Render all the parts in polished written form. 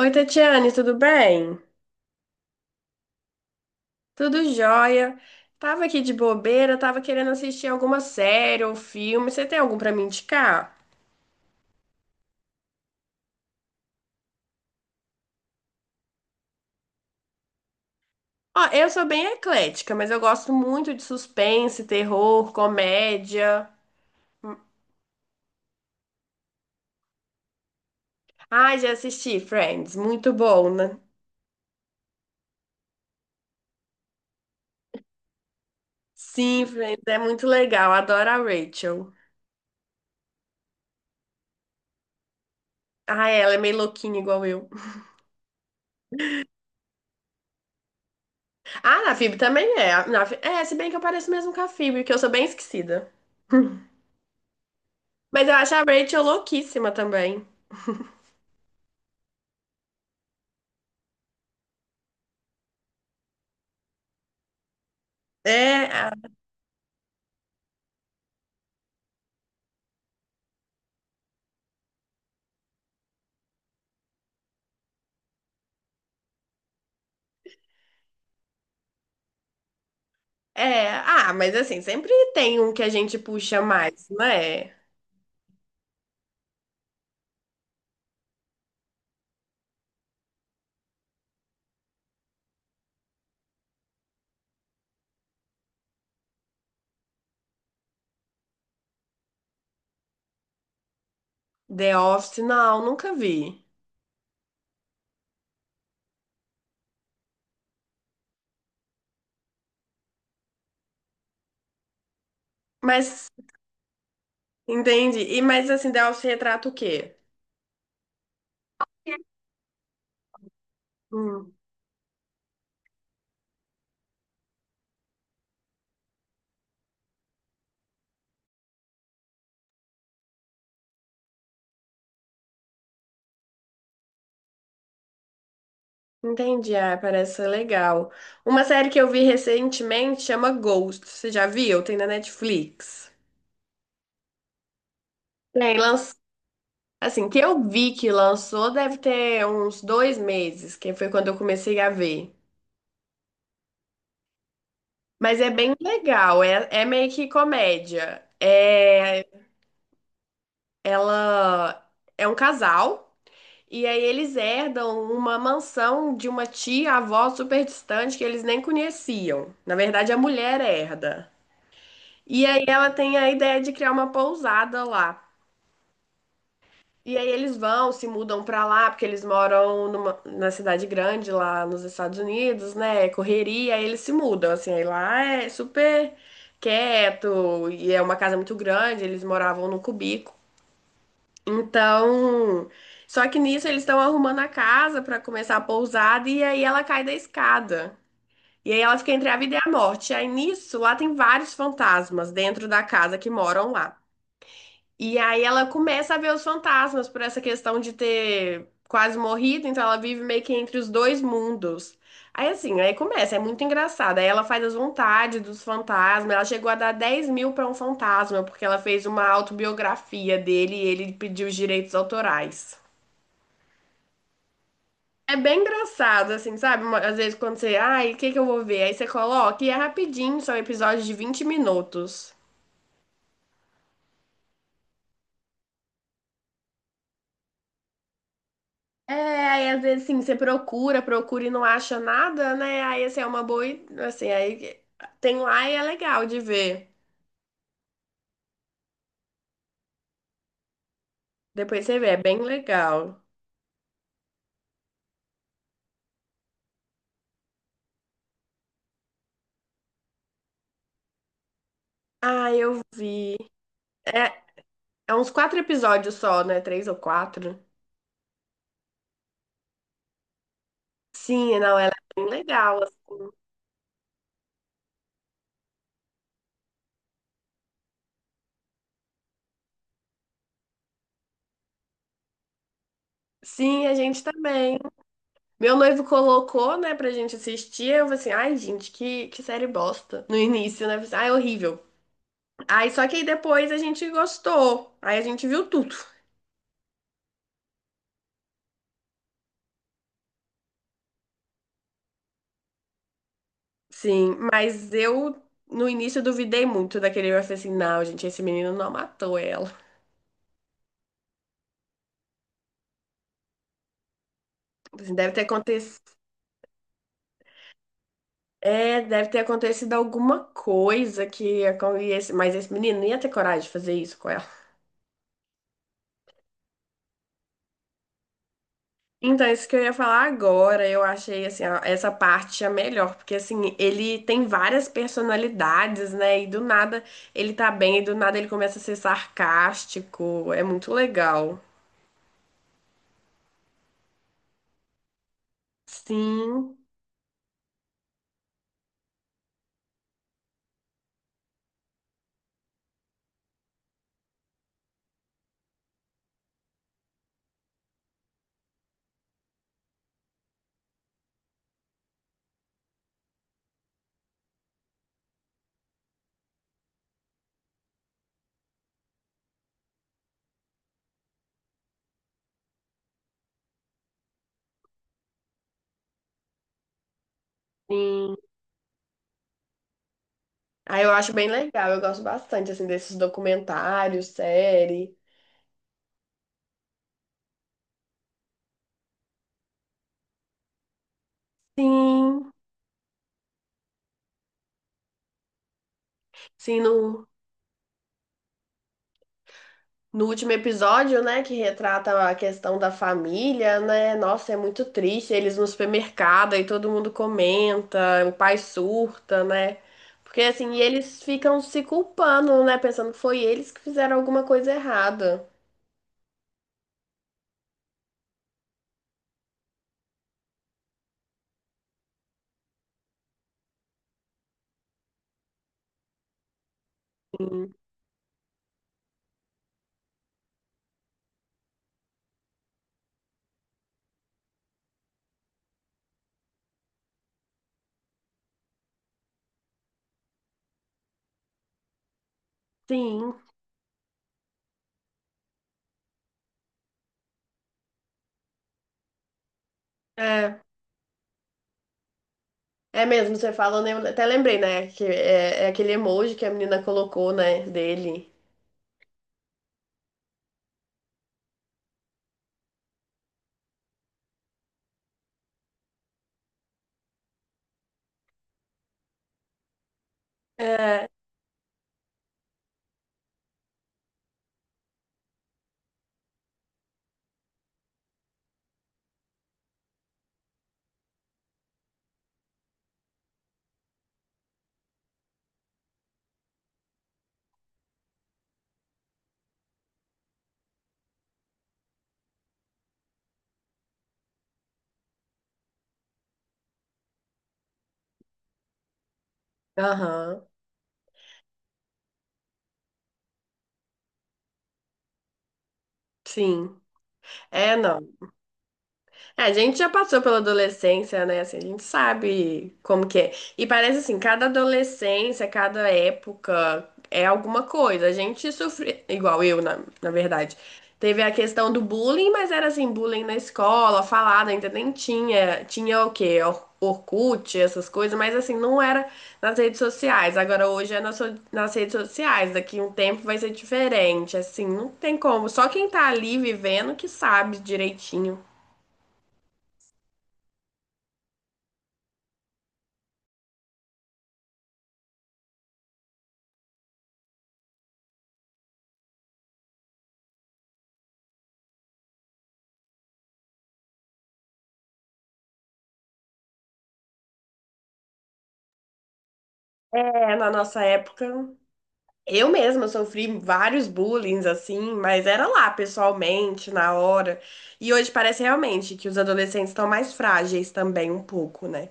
Oi, Tatiane, tudo bem? Tudo jóia. Tava aqui de bobeira, tava querendo assistir alguma série ou filme. Você tem algum pra me indicar? Ó, eu sou bem eclética, mas eu gosto muito de suspense, terror, comédia. Ah, já assisti Friends, muito bom, né? Sim, Friends, é muito legal. Adoro a Rachel. Ah, ela é meio louquinha igual eu. Ah, na Phoebe também é. É, se bem que eu pareço mesmo com a Phoebe, que eu sou bem esquecida. Mas eu acho a Rachel louquíssima também. É, mas assim, sempre tem um que a gente puxa mais, não é? The Office, não, nunca vi. Mas, entendi. E, mas assim, The Office retrata o quê? Hum, entendi, ah, parece ser legal. Uma série que eu vi recentemente chama Ghost, você já viu? Tem na Netflix. Tem, lanç... assim, que eu vi que lançou deve ter uns 2 meses, que foi quando eu comecei a ver. Mas é bem legal, é meio que comédia. Ela é um casal e aí eles herdam uma mansão de uma tia-avó super distante que eles nem conheciam. Na verdade, a mulher herda. E aí ela tem a ideia de criar uma pousada lá. E aí eles vão, se mudam pra lá, porque eles moram na cidade grande lá nos Estados Unidos, né? É correria, aí eles se mudam, assim, aí lá é super quieto e é uma casa muito grande, eles moravam num cubico. Então, só que nisso eles estão arrumando a casa para começar a pousada e aí ela cai da escada. E aí ela fica entre a vida e a morte. E aí nisso, lá tem vários fantasmas dentro da casa que moram lá. E aí ela começa a ver os fantasmas por essa questão de ter quase morrido, então ela vive meio que entre os dois mundos. Aí assim, aí começa, é muito engraçado. Aí ela faz as vontades dos fantasmas. Ela chegou a dar 10.000 pra um fantasma, porque ela fez uma autobiografia dele e ele pediu os direitos autorais. É bem engraçado, assim, sabe? Às vezes quando você, ai, o que que eu vou ver? Aí você coloca e é rapidinho, são episódios de 20 minutos. É, aí às vezes assim, você procura, procura e não acha nada, né? Aí assim, é uma boa, assim, aí tem lá e é legal de ver. Depois você vê, é bem legal. Ah, eu vi. É, é uns quatro episódios só, né? Três ou quatro. Sim, não, ela é bem legal. Sim, a gente também. Meu noivo colocou, né, pra gente assistir. Eu falei assim, ai, gente, que série bosta. No início, né? Eu falei assim, ai, horrível. Aí só que aí depois a gente gostou. Aí a gente viu tudo. Sim, mas eu no início eu duvidei muito daquele. Eu falei assim, não, gente, esse menino não matou ela. Tipo assim, deve ter acontecido. É, deve ter acontecido alguma coisa que mas esse menino não ia ter coragem de fazer isso com ela. Então, é isso que eu ia falar agora, eu achei assim, ó, essa parte a melhor, porque assim, ele tem várias personalidades, né? E do nada ele tá bem, e do nada ele começa a ser sarcástico. É muito legal. Sim, sim. Aí eu acho bem legal, eu gosto bastante, assim, desses documentários, série. Sim, sim, no último episódio, né, que retrata a questão da família, né? Nossa, é muito triste, eles no supermercado e todo mundo comenta, o pai surta, né? Porque, assim, e eles ficam se culpando, né, pensando que foi eles que fizeram alguma coisa errada. Sim, sim, é. É mesmo, você falando, eu até lembrei, né, que é, é aquele emoji que a menina colocou, né, dele. é Aham, sim. É, não. É, a gente já passou pela adolescência, né? Assim, a gente sabe como que é. E parece assim, cada adolescência, cada época é alguma coisa. A gente sofre, igual eu, na verdade. Teve a questão do bullying, mas era assim, bullying na escola, falada, ainda nem tinha. Tinha o quê? Orkut, essas coisas, mas assim, não era nas redes sociais. Agora hoje é nas redes sociais. Daqui um tempo vai ser diferente. Assim, não tem como. Só quem tá ali vivendo que sabe direitinho. É, na nossa época, eu mesma sofri vários bullying, assim, mas era lá, pessoalmente, na hora. E hoje parece realmente que os adolescentes estão mais frágeis também, um pouco, né?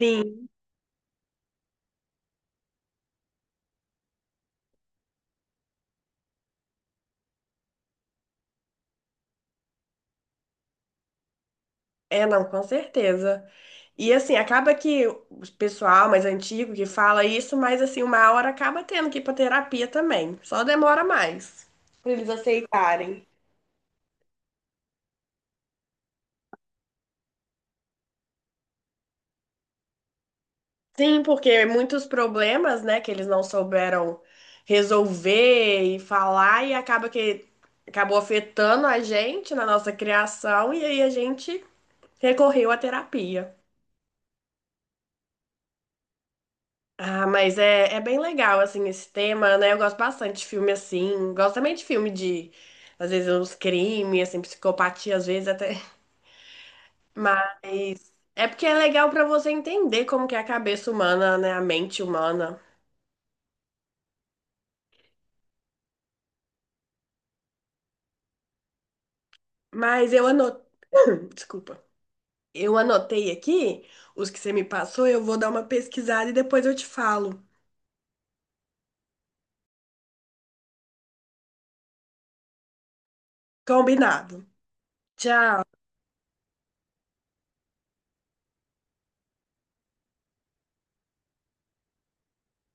Sim. É, não, com certeza. E assim, acaba que o pessoal mais antigo que fala isso, mas assim, uma hora acaba tendo que ir pra terapia também. Só demora mais pra eles aceitarem. Sim, porque muitos problemas, né, que eles não souberam resolver e falar, e acaba que acabou afetando a gente na nossa criação, e aí a gente recorreu à terapia. Ah, mas é, é bem legal, assim, esse tema, né? Eu gosto bastante de filme assim, gosto também de filme de, às vezes, uns crimes, assim, psicopatia, às vezes até. Mas é porque é legal pra você entender como que é a cabeça humana, né, a mente humana. Mas eu anotei, desculpa. Eu anotei aqui os que você me passou, eu vou dar uma pesquisada e depois eu te falo. Combinado. Tchau.